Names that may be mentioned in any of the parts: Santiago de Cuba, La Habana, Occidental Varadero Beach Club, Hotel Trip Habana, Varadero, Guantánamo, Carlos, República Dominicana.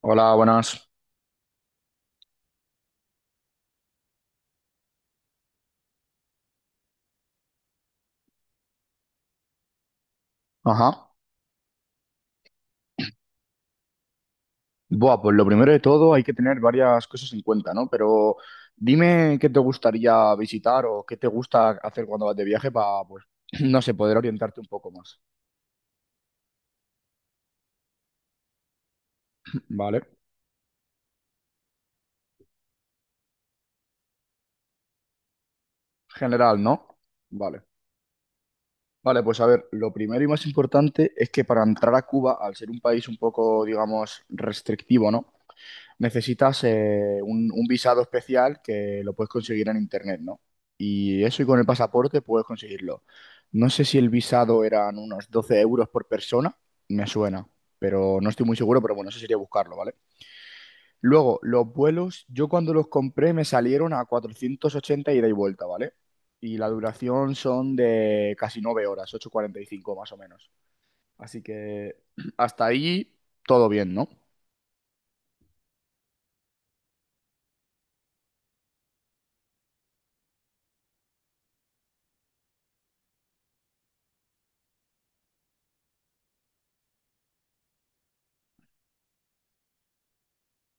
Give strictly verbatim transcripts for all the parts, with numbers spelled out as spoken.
Hola, buenas. Ajá. Buah, pues lo primero de todo hay que tener varias cosas en cuenta, ¿no? Pero dime qué te gustaría visitar o qué te gusta hacer cuando vas de viaje para, pues, no sé, poder orientarte un poco más. Vale. General, ¿no? Vale. Vale, pues a ver, lo primero y más importante es que para entrar a Cuba, al ser un país un poco, digamos, restrictivo, ¿no? Necesitas eh, un, un visado especial que lo puedes conseguir en internet, ¿no? Y eso y con el pasaporte puedes conseguirlo. No sé si el visado eran unos doce euros por persona, me suena, pero no estoy muy seguro, pero bueno, eso sería buscarlo, ¿vale? Luego, los vuelos, yo cuando los compré me salieron a cuatrocientos ochenta ida y vuelta, ¿vale? Y la duración son de casi nueve horas, ocho cuarenta y cinco más o menos. Así que hasta ahí todo bien, ¿no?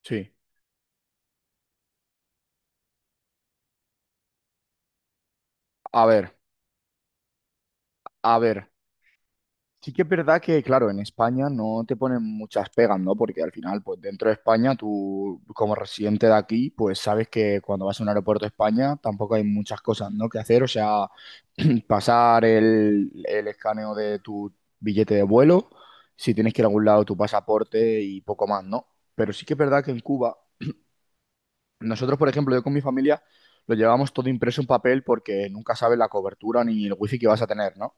Sí. A ver, a ver. Sí que es verdad que, claro, en España no te ponen muchas pegas, ¿no? Porque al final, pues dentro de España, tú como residente de aquí, pues sabes que cuando vas a un aeropuerto de España tampoco hay muchas cosas, ¿no? que hacer. O sea, pasar el, el escaneo de tu billete de vuelo, si tienes que ir a algún lado, tu pasaporte y poco más, ¿no? Pero sí que es verdad que en Cuba, nosotros, por ejemplo, yo con mi familia, lo llevamos todo impreso en papel porque nunca sabes la cobertura ni el wifi que vas a tener, ¿no?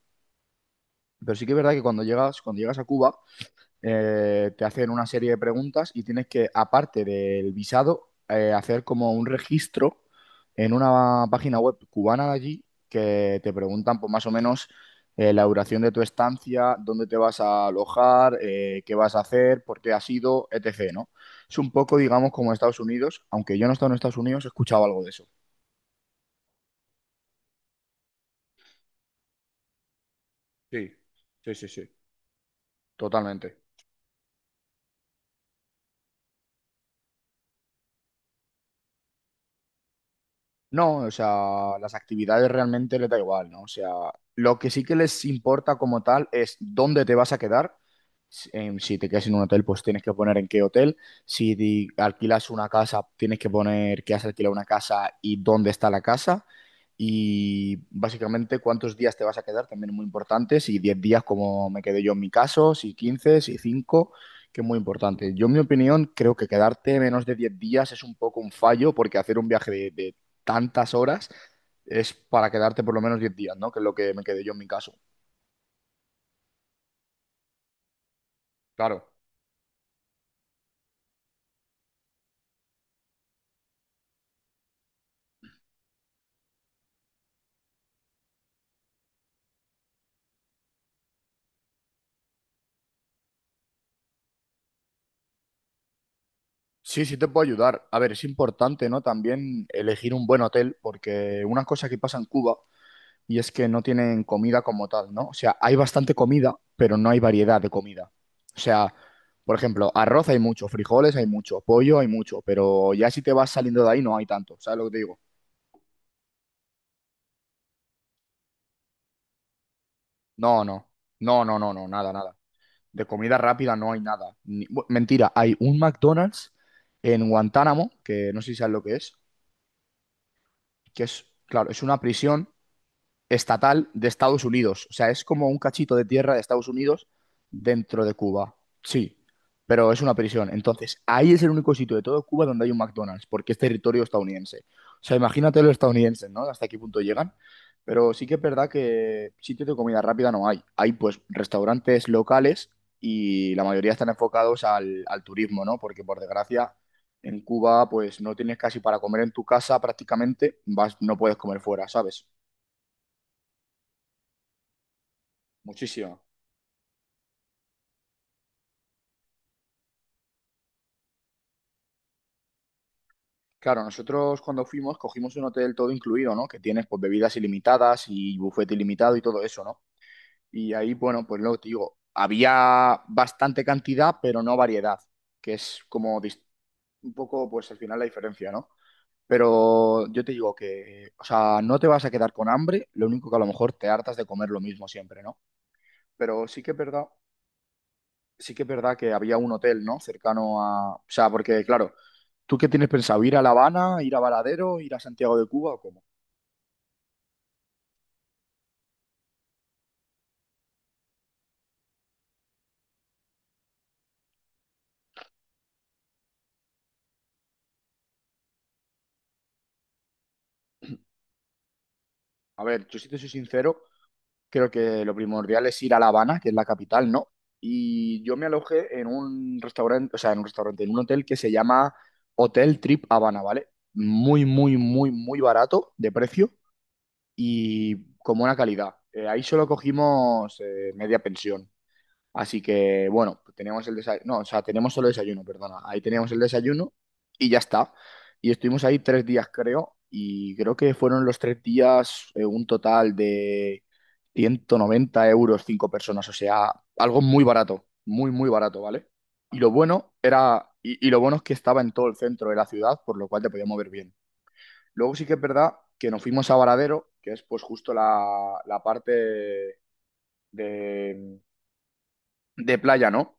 Pero sí que es verdad que cuando llegas, cuando llegas a Cuba eh, te hacen una serie de preguntas y tienes que, aparte del visado, eh, hacer como un registro en una página web cubana de allí que te preguntan pues, más o menos eh, la duración de tu estancia, dónde te vas a alojar, eh, qué vas a hacer, por qué has ido, etcétera, ¿no? Es un poco, digamos, como Estados Unidos, aunque yo no he estado en Estados Unidos, he escuchado algo de eso, Sí, sí, sí, sí. totalmente. No, o sea, las actividades realmente les da igual, ¿no? O sea, lo que sí que les importa como tal es dónde te vas a quedar. Si em, si te quedas en un hotel, pues tienes que poner en qué hotel. Si di- alquilas una casa, tienes que poner que has alquilado una casa y dónde está la casa. Y básicamente cuántos días te vas a quedar, también es muy importante. Si diez días, como me quedé yo en mi caso, si quince, si cinco, que es muy importante. Yo, en mi opinión, creo que quedarte menos de diez días es un poco un fallo, porque hacer un viaje de, tantas horas, es para quedarte por lo menos diez días, ¿no? Que es lo que me quedé yo en mi caso. Claro. Sí, sí te puedo ayudar. A ver, es importante, ¿no? También elegir un buen hotel, porque una cosa que pasa en Cuba y es que no tienen comida como tal, ¿no? O sea, hay bastante comida, pero no hay variedad de comida. O sea, por ejemplo, arroz hay mucho, frijoles hay mucho, pollo hay mucho, pero ya si te vas saliendo de ahí no hay tanto, ¿sabes lo que te digo? No, no, no, no, no, no, nada, nada. de comida rápida no hay nada. Ni- bu- mentira, hay un McDonald's en Guantánamo, que no sé si sabes lo que es, que es, claro, es una prisión estatal de Estados Unidos. O sea, es como un cachito de tierra de Estados Unidos dentro de Cuba. Sí, pero es una prisión. Entonces, ahí es el único sitio de todo Cuba donde hay un McDonald's, porque es territorio estadounidense. O sea, imagínate los estadounidenses, ¿no? Hasta qué punto llegan. Pero sí que es verdad que sitios de comida rápida no hay. Hay pues restaurantes locales y la mayoría están enfocados al, al turismo, ¿no? Porque por desgracia en Cuba pues no tienes casi para comer en tu casa prácticamente, vas, no puedes comer fuera, ¿sabes? Muchísimo. Claro, nosotros cuando fuimos cogimos un hotel todo incluido, ¿no? Que tienes pues bebidas ilimitadas y bufete ilimitado y todo eso, ¿no? Y ahí, bueno, pues lo que te digo, había bastante cantidad, pero no variedad, que es como dis- un poco, pues al final la diferencia, ¿no? Pero yo te digo que, o sea, no te vas a quedar con hambre, lo único que a lo mejor te hartas de comer lo mismo siempre, ¿no? Pero sí que es verdad, sí que es verdad que había un hotel, ¿no? Cercano a, o sea, porque claro, ¿tú qué tienes pensado? ¿Ir a La Habana, ir a Varadero, ir a Santiago de Cuba o cómo? A ver, yo si te soy sincero, creo que lo primordial es ir a La Habana, que es la capital, ¿no? Y yo me alojé en un restaurante, o sea, en un restaurante, en un hotel que se llama Hotel Trip Habana, ¿vale? Muy, muy, muy, muy barato de precio y con buena calidad. Eh, ahí solo cogimos eh, media pensión. Así que, bueno, teníamos el desayuno, no, o sea, tenemos solo desayuno, perdona. Ahí teníamos el desayuno y ya está. Y estuvimos ahí tres días, creo, y creo que fueron los tres días eh, un total de ciento noventa euros cinco personas, o sea, algo muy barato, muy, muy barato, ¿vale? Y lo bueno era, y, y lo bueno es que estaba en todo el centro de la ciudad, por lo cual te podías mover bien. Luego sí que es verdad que nos fuimos a Varadero, que es pues justo la, la parte de, de playa, ¿no?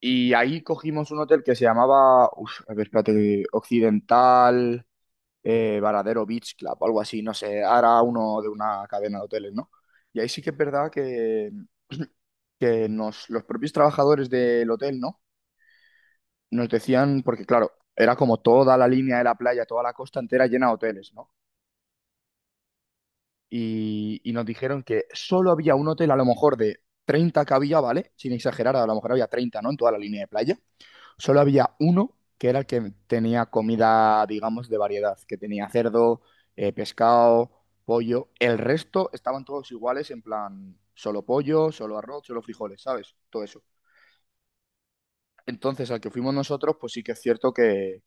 Y ahí cogimos un hotel que se llamaba, uf, a ver, espérate, Occidental, eh, Varadero Beach Club, o algo así, no sé, era uno de una cadena de hoteles, ¿no? Y ahí sí que es verdad que, que nos, los propios trabajadores del hotel, ¿no? Nos decían, porque claro, era como toda la línea de la playa, toda la costa entera llena de hoteles, ¿no? Y, y nos dijeron que solo había un hotel, a lo mejor de treinta que había, ¿vale? Sin exagerar, a lo mejor había treinta ¿no? En toda la línea de playa. Solo había uno que era el que tenía comida, digamos, de variedad, que tenía cerdo, eh, pescado, pollo. El resto estaban todos iguales, en plan, solo pollo, solo arroz, solo frijoles, ¿sabes? Todo eso. Entonces, al que fuimos nosotros, pues sí que es cierto que,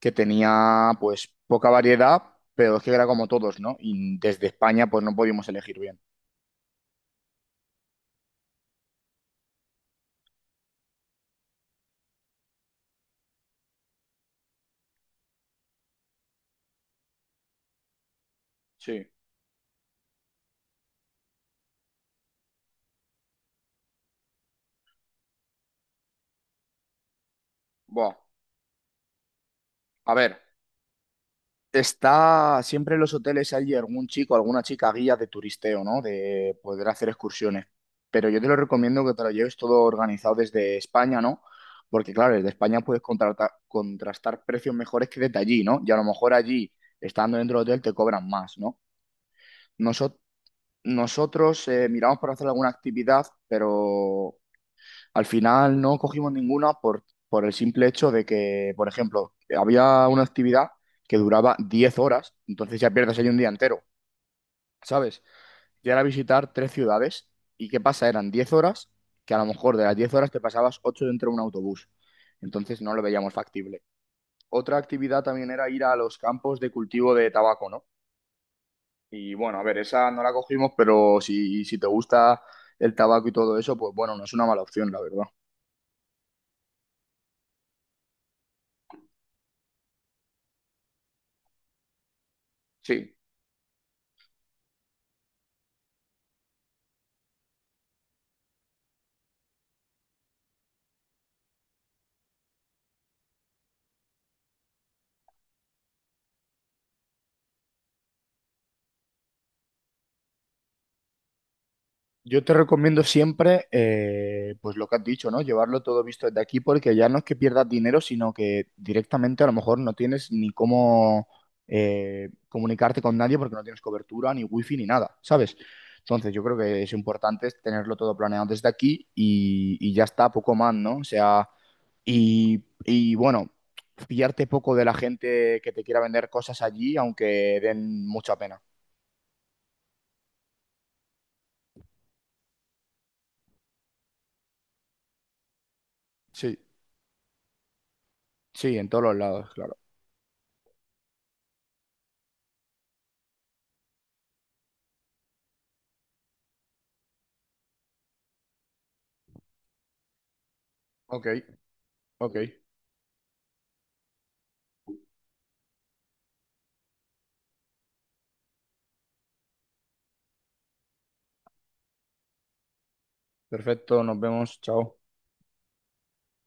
que tenía, pues, poca variedad, pero es que era como todos, ¿no? Y desde España, pues no podíamos elegir bien. Sí. Buah. A ver. Está siempre en los hoteles hay algún chico, alguna chica guía de turisteo, ¿no? De poder hacer excursiones. Pero yo te lo recomiendo que te lo lleves todo organizado desde España, ¿no? Porque claro, desde España puedes contratar, contrastar precios mejores que desde allí, ¿no? Y a lo mejor allí, estando dentro del hotel, te cobran más, ¿no? Noso- Nosotros eh, miramos por hacer alguna actividad, pero al final no cogimos ninguna por, por el simple hecho de que, por ejemplo, había una actividad que duraba diez horas, entonces ya pierdes ahí un día entero, ¿sabes? Y era visitar tres ciudades y ¿qué pasa? Eran diez horas, que a lo mejor de las diez horas te pasabas ocho dentro de un autobús, entonces no lo veíamos factible. Otra actividad también era ir a los campos de cultivo de tabaco, ¿no? Y bueno, a ver, esa no la cogimos, pero si, si te gusta el tabaco y todo eso, pues bueno, no es una mala opción, la verdad. Sí. Yo te recomiendo siempre, eh, pues lo que has dicho, ¿no? Llevarlo todo visto desde aquí porque ya no es que pierdas dinero, sino que directamente a lo mejor no tienes ni cómo eh, comunicarte con nadie porque no tienes cobertura, ni wifi, ni nada, ¿sabes? Entonces yo creo que es importante tenerlo todo planeado desde aquí y, y ya está, poco más, ¿no? O sea, y, y bueno, pillarte poco de la gente que te quiera vender cosas allí, aunque den mucha pena. Sí, sí, en todos los lados, claro. Ok, ok. Perfecto, nos vemos, chao.